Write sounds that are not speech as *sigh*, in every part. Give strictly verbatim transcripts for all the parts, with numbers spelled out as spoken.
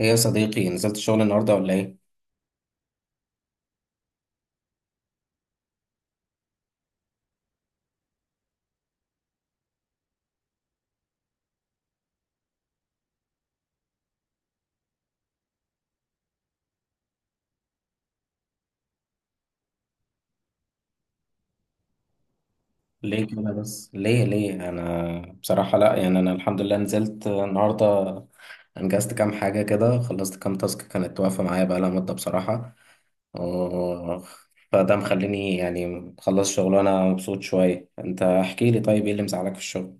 ايه يا صديقي، نزلت الشغل النهارده ولا ايه؟ ليه كده بس؟ ليه ليه؟ انا بصراحة لا، يعني انا الحمد لله نزلت النهارده، انجزت كام حاجة كده، خلصت كام تاسك كانت واقفة معايا بقالها مدة بصراحة. آه، فده مخليني يعني مخلص شغل وانا مبسوط شوية. انت احكي لي طيب، ايه اللي مزعلك في الشغل؟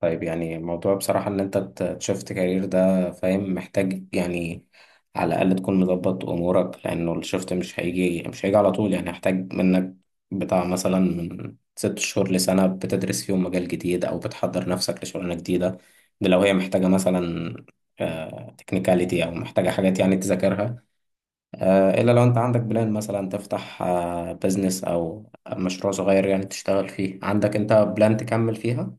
طيب، يعني موضوع بصراحة إن أنت ت- تشفت كارير ده، فاهم، محتاج يعني على الأقل تكون مظبط أمورك، لأنه الشفت مش هيجي مش هيجي على طول. يعني هيحتاج منك بتاع مثلا من ست شهور لسنة بتدرس فيهم مجال جديد أو بتحضر نفسك لشغلانة جديدة، ده لو هي محتاجة مثلا تكنيكاليتي أو محتاجة حاجات يعني تذاكرها. آه، إلا لو أنت عندك بلان مثلا تفتح بزنس أو مشروع صغير يعني تشتغل فيه، عندك أنت بلان تكمل فيها.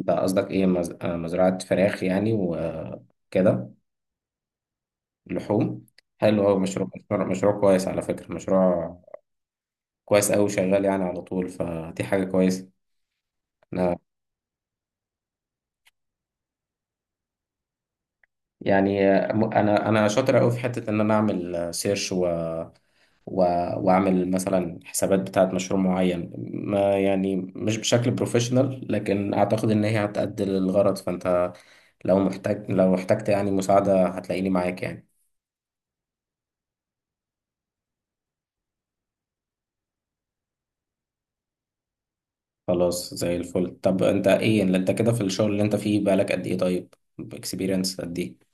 انت قصدك ايه، مز... آه، مزرعة فراخ يعني وكده؟ لحوم. حلو، هو مشروع مشروع مشروع كويس، على فكرة مشروع كويس أوي، شغال يعني على طول، فدي حاجة كويسة. أنا يعني آه، م- أنا أنا شاطر أوي في حتة إن أنا أعمل سيرش و... و... وأعمل مثلا حسابات بتاعة مشروع معين، ما يعني مش بشكل بروفيشنال، لكن أعتقد إن هي هتأدي للغرض. فأنت لو محتاج، لو احتجت يعني مساعدة، هتلاقيني معاك يعني. خلاص، زي الفل. طب انت ايه اللي انت كده في الشغل اللي انت فيه بقالك قد ايه طيب؟ اكسبيرينس قد ايه؟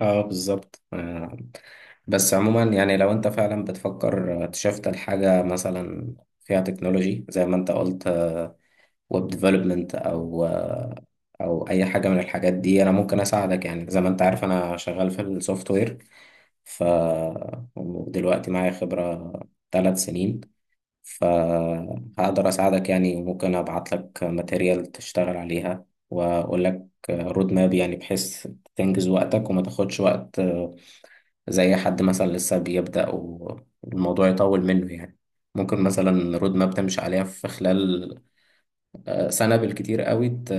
اه، بالظبط. آه، بس عموما يعني لو انت فعلا بتفكر تشفت لحاجة مثلا فيها تكنولوجي زي ما انت قلت، ويب ديفلوبمنت او او اي حاجة من الحاجات دي، انا ممكن اساعدك يعني. زي ما انت عارف انا شغال في السوفت وير، ف ودلوقتي معايا خبرة ثلاث سنين، فهقدر أساعدك يعني، وممكن أبعت لك ماتيريال تشتغل عليها، وأقول لك رود ماب يعني، بحيث تنجز وقتك وما تاخدش وقت آه، زي حد مثلا لسه بيبدأ والموضوع يطول منه يعني. ممكن مثلا رود ماب تمشي عليها في خلال آه، سنة بالكتير قوي، ت-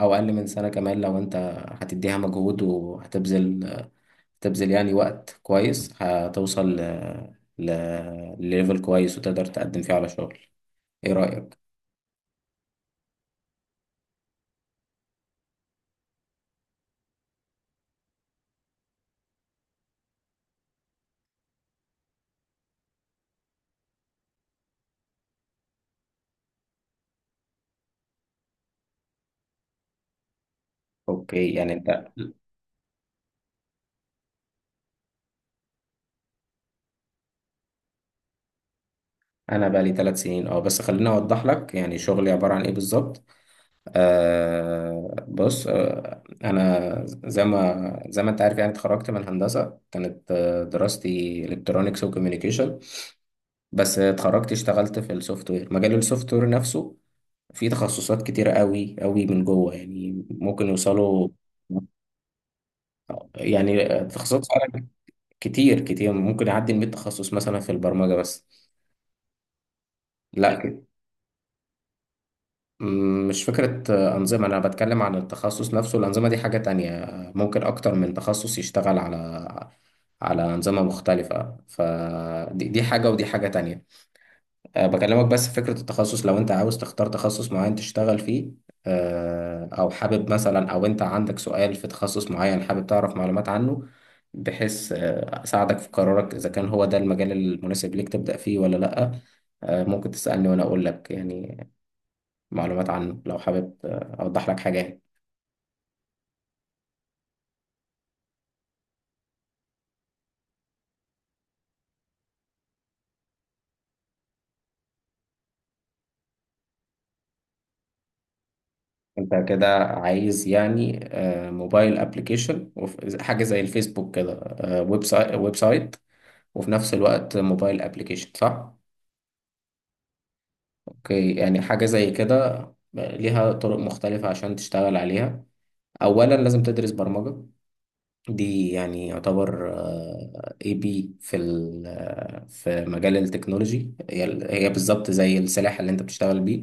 أو أقل من سنة كمان، لو أنت هتديها مجهود وهتبذل تبذل يعني وقت كويس، هتوصل ل... ل... لليفل كويس وتقدر تقدم فيه على شغل. ايه رأيك؟ اوكي يعني انت. انا بقى لي ثلاث سنين اه، بس خليني اوضح لك يعني شغلي عبارة عن ايه بالظبط. آه بص، آه انا زي ما زي ما انت عارف يعني اتخرجت من هندسة، كانت آه، دراستي الكترونكس وكوميونيكيشن. بس اتخرجت اشتغلت في السوفت وير. مجال السوفت وير نفسه فيه تخصصات كتيرة قوي قوي من جوه، يعني ممكن يوصلوا يعني تخصصات فعلا كتير كتير، ممكن يعدي ال 100 تخصص مثلا في البرمجة بس. لا، مم، مش فكرة آه، أنظمة، أنا بتكلم عن التخصص نفسه. الأنظمة دي حاجة تانية، آه، ممكن أكتر من تخصص يشتغل على على أنظمة مختلفة. فدي دي حاجة ودي حاجة تانية. آه، بكلمك بس في فكرة التخصص. لو أنت عاوز تختار تخصص معين تشتغل فيه، آه، أو حابب مثلا، أو أنت عندك سؤال في تخصص معين حابب تعرف معلومات عنه، بحيث آه، أساعدك في قرارك إذا كان هو ده المجال المناسب ليك تبدأ فيه ولا لأ. آه، ممكن تسألني وأنا أقول لك يعني معلومات عنه. لو حابب آه، أوضح لك حاجة يعني. أنت كده عايز يعني آه، موبايل أبليكيشن، حاجة زي الفيسبوك كده. آه، ويب سايت، ويب سايت وفي نفس الوقت موبايل أبليكيشن، صح؟ أوكي، يعني حاجة زي كده آه، ليها طرق مختلفة عشان تشتغل عليها. أولا لازم تدرس برمجة، دي يعني يعتبر اي بي في ال- آه، في مجال التكنولوجي. هي هي بالظبط زي السلاح اللي انت بتشتغل بيه.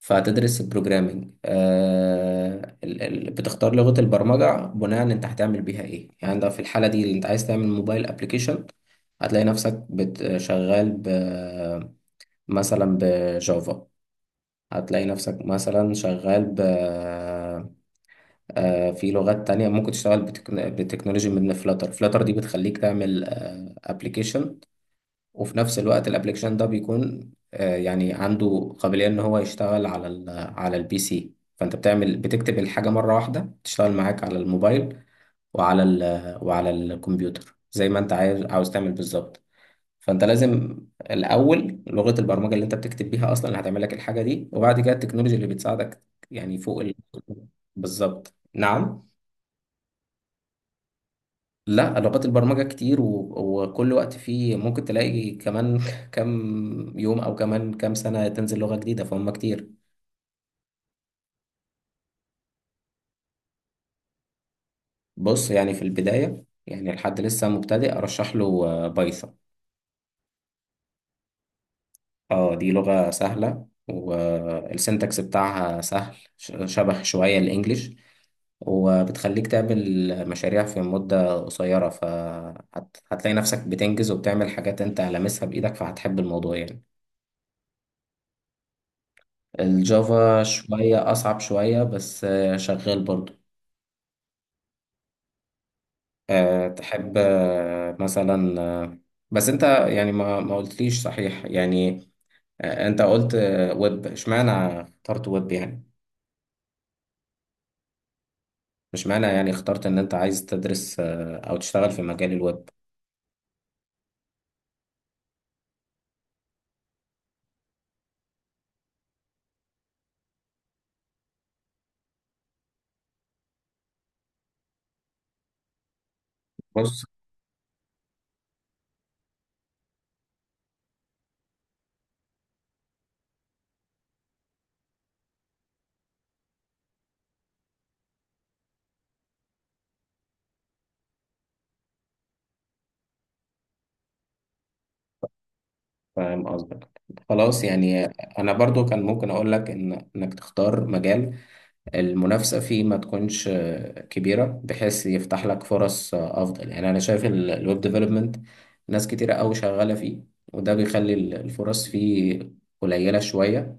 فهتدرس البروجرامينج، آه ال- ال- بتختار لغة البرمجة بناء انت هتعمل بيها ايه. يعني انت في الحالة دي انت عايز تعمل موبايل ابليكيشن، هتلاقي نفسك بت- شغال ب مثلا بجافا. هتلاقي نفسك مثلا شغال ب آه، في لغات تانية. ممكن تشتغل بتكن- بتكنولوجي من فلاتر. فلاتر دي بتخليك تعمل ابلكيشن، وفي نفس الوقت الابلكيشن ده بيكون آه، يعني عنده قابلية ان هو يشتغل على ال على البي سي. فانت بتعمل، بتكتب الحاجة مرة واحدة، تشتغل معاك على الموبايل وعلى ال وعلى الكمبيوتر، زي ما انت عايز عاوز تعمل بالظبط. فانت لازم الاول لغة البرمجة اللي انت بتكتب بيها اصلا، اللي هتعمل لك الحاجة دي، وبعد كده التكنولوجيا اللي بتساعدك. يعني فوق ال... بالظبط، نعم. لا، لغات البرمجة كتير و... وكل وقت فيه ممكن تلاقي كمان *laughs* كام يوم أو كمان كام سنة تنزل لغة جديدة، فهم كتير. بص، يعني في البداية يعني لحد لسه مبتدئ أرشح له آه، بايثون. اه، دي لغة سهلة، والسنتكس بتاعها سهل، ش- شبه شوية الإنجليش. وبتخليك تعمل مشاريع في مدة قصيرة، فهتلاقي نفسك بتنجز وبتعمل حاجات أنت لامسها بإيدك، فهتحب الموضوع يعني. الجافا شوية أصعب شوية، بس آه، شغال برضو. أه، تحب آه، مثلا آه، بس أنت يعني ما ما قلتليش صحيح يعني. آه، أنت قلت آه، ويب. اشمعنى اخترت ويب يعني؟ اشمعنى يعني اخترت إن أنت عايز تدرس آه، أو تشتغل في مجال الويب؟ بص، فاهم قصدك. خلاص يعني آه، أنا برضو كان ممكن أقول لك إن إنك تختار مجال المنافسة فيه ما تكونش آه، كبيرة، بحيث يفتح لك فرص آه، أفضل. يعني أنا شايف ال- الويب ديفلوبمنت ناس كتيرة أوي شغالة فيه، وده بيخلي ال- الفرص فيه قليلة شوية.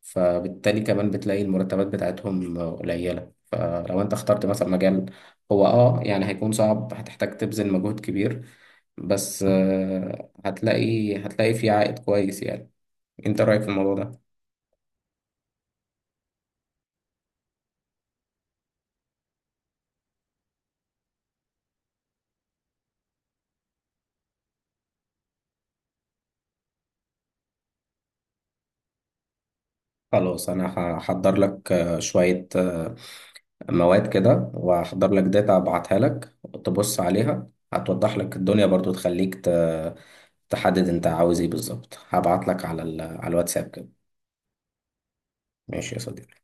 فبالتالي كمان بتلاقي المرتبات بتاعتهم آه، قليلة. فلو أنت اخترت مثلا مجال هو أه يعني هيكون صعب، هتحتاج تبذل مجهود كبير، بس آه، هتلاقي هتلاقي فيه عائد كويس يعني. أنت رأيك في الموضوع ده؟ خلاص، أنا هحضر لك آه، شوية مواد كده، وهحضر لك داتا ابعتها لك تبص عليها، هتوضح لك الدنيا برضو، تخليك ت- تحدد انت عاوز ايه بالظبط. هبعت لك على ال... على الواتساب كده. ماشي يا صديقي